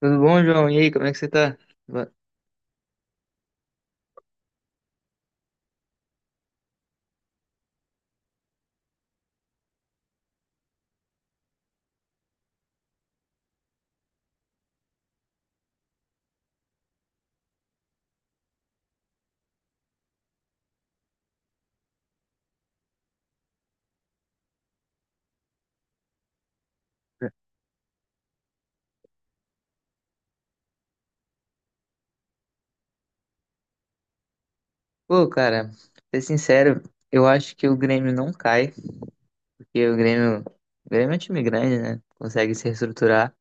Tudo bom, João? E aí, como é que você tá? Va- Pô, cara, pra ser sincero, eu acho que o Grêmio não cai, porque o Grêmio é um time grande, né? Consegue se reestruturar.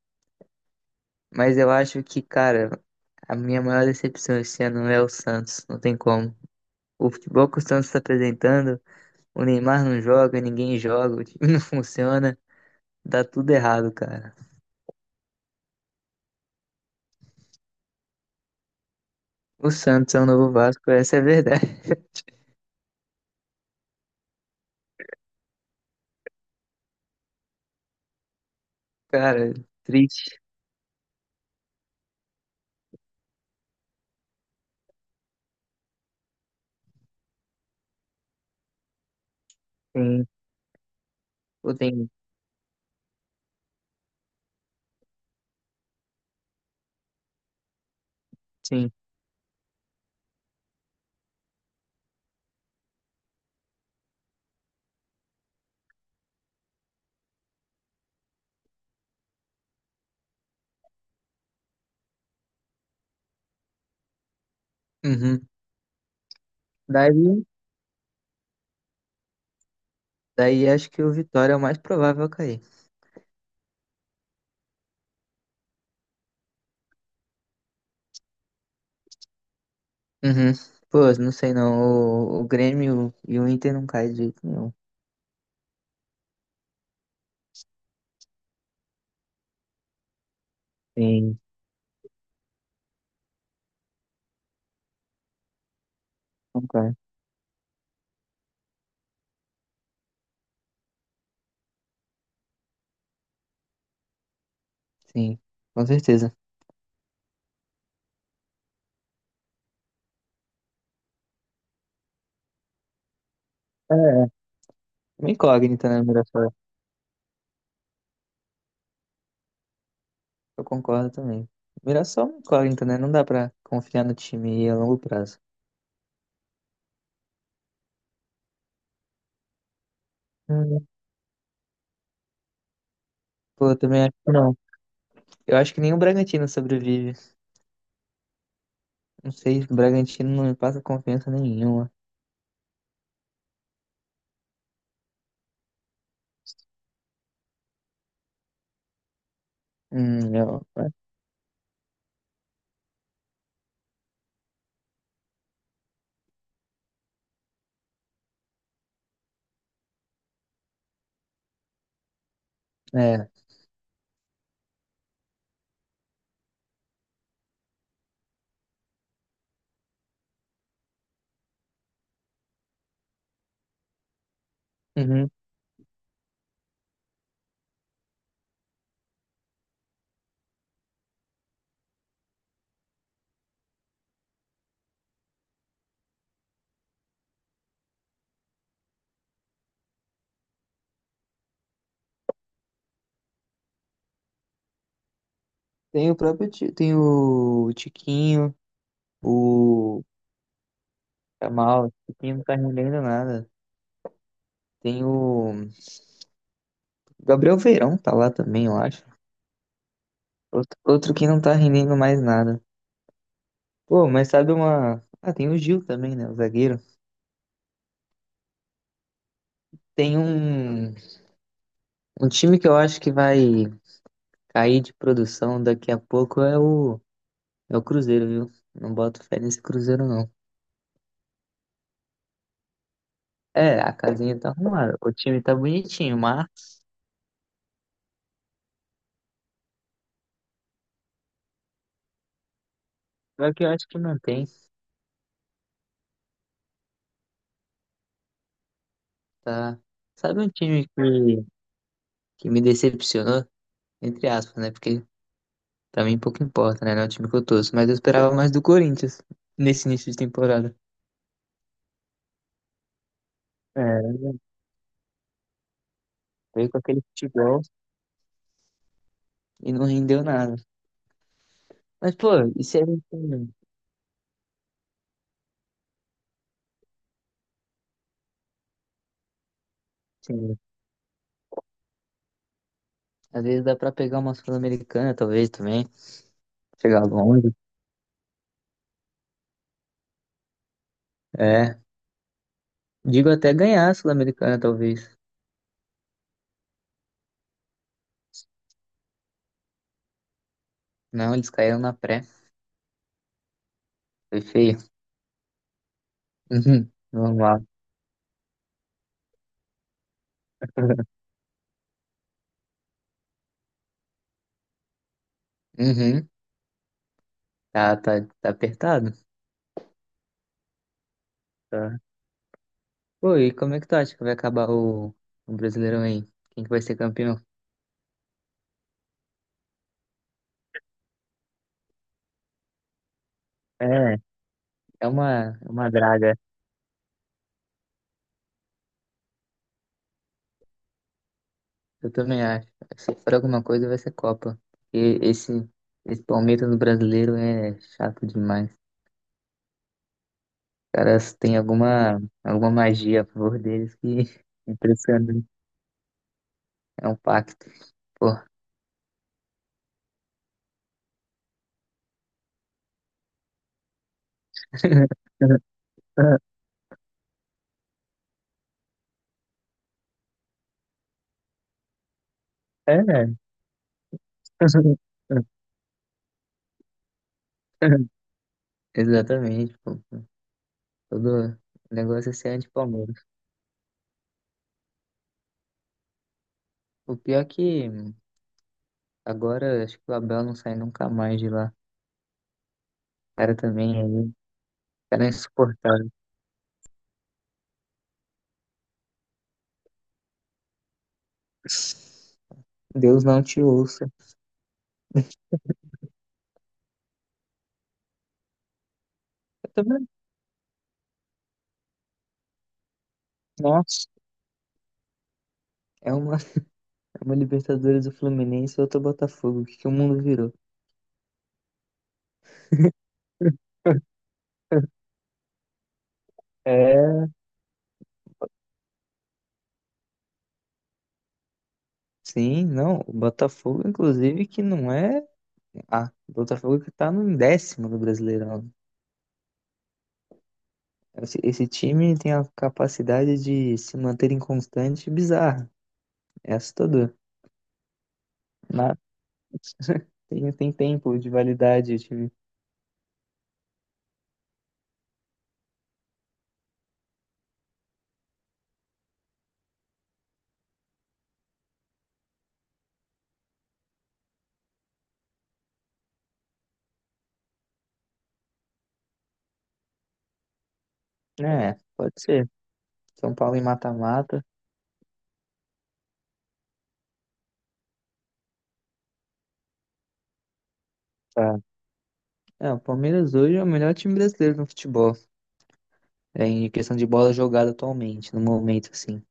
Mas eu acho que, cara, a minha maior decepção esse ano é o Santos, não tem como. O futebol que o Santos tá apresentando, o Neymar não joga, ninguém joga, o time não funciona, dá tudo errado, cara. O Santos é o novo Vasco, essa é a verdade. Cara, triste. Sim, eu tenho sim. Uhum. Daí. Daí acho que o Vitória é o mais provável a cair. Uhum. Pô, não sei não. O Grêmio e o Inter não caem de jeito nenhum. Sim, não cai. Sim, com certeza. É, uma incógnita, né, o Mirassol? Eu concordo também. O Mirassol é uma incógnita, né? Não dá pra confiar no time a longo prazo. Hum. Pô, eu também acho que não. Eu acho que nem o Bragantino sobrevive. Não sei, o Bragantino não me passa confiança nenhuma. Hum, eu- é. Uhum. Tem o próprio, tem o Tiquinho, o Tá mal, esse time não tá rendendo nada. Tem o Gabriel Veirão, tá lá também, eu acho. Outro, outro que não tá rendendo mais nada. Pô, mas sabe uma. Ah, tem o Gil também, né? O zagueiro. Tem um time que eu acho que vai cair de produção daqui a pouco é o Cruzeiro, viu? Não boto fé nesse Cruzeiro, não. É, a casinha tá arrumada. O time tá bonitinho, mas só que eu acho que mantém, tá? Sabe um time que me decepcionou? Entre aspas, né? Porque também pouco importa, né? Não é o time que eu torço. Mas eu esperava mais do Corinthians nesse início de temporada. É, veio com aquele futebol e não rendeu nada. Mas, pô, e se a gente. Assim, às vezes dá pra pegar uma Sul-Americana, talvez também. Chegar longe. É. Digo até ganhar a Sul-Americana, talvez. Não, eles caíram na pré. Foi feio. Uhum. Normal. Uhum. Tá, tá, tá apertado. Tá. Pô, e como é que tu acha que vai acabar o Brasileirão aí? Quem que vai ser campeão? É, é uma draga. Eu também acho. Se for alguma coisa, vai ser Copa. E esse Palmeiras do brasileiro é chato demais. Os caras têm alguma magia a favor deles que é impressionante. É um pacto. Pô. É, né? Exatamente, pô. Todo negócio é ser anti-Palmeiras. O pior é que agora acho que o Abel não sai nunca mais de lá. O cara também aí. O cara é insuportável. Deus não te ouça. Nossa, é uma Libertadores do Fluminense e outra Botafogo. O que que o mundo virou? É, sim, não. O Botafogo, inclusive, que não é. Ah, o Botafogo que tá no 10º do Brasileirão. Esse time tem a capacidade de se manter inconstante e bizarra. É assustador. Mas tem tempo de validade, o time. É, pode ser. São Paulo em mata-mata. Tá. É, o Palmeiras hoje é o melhor time brasileiro no futebol. É, em questão de bola jogada atualmente, no momento, assim.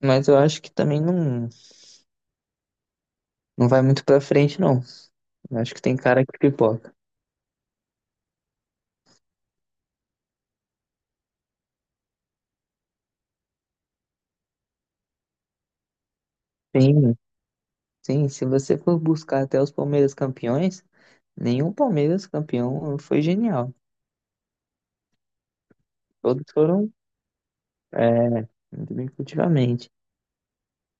Mas eu acho que também não vai muito pra frente, não. Eu acho que tem cara que pipoca. Sim, sim. Se você for buscar até os Palmeiras campeões, nenhum Palmeiras campeão foi genial. Todos foram, é, muito bem cultivamente.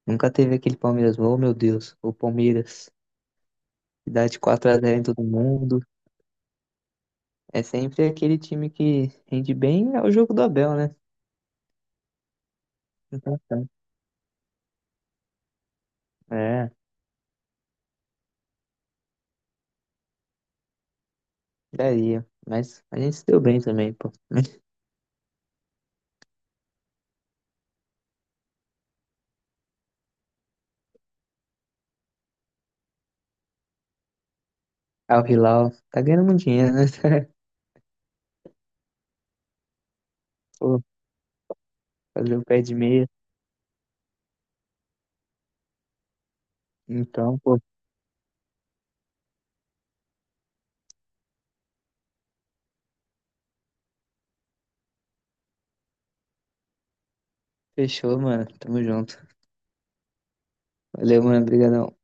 Nunca teve aquele Palmeiras, oh meu Deus, o Palmeiras que dá de 4 a 0 em todo mundo. É sempre aquele time que rende bem, é o jogo do Abel, né? Então, é, daria. Mas a gente se deu bem também, pô. Al Hilal tá ganhando muito dinheiro, né? Fazer o pé de meia. Então, pô, fechou, mano. Tamo junto. Valeu, mano. Obrigadão.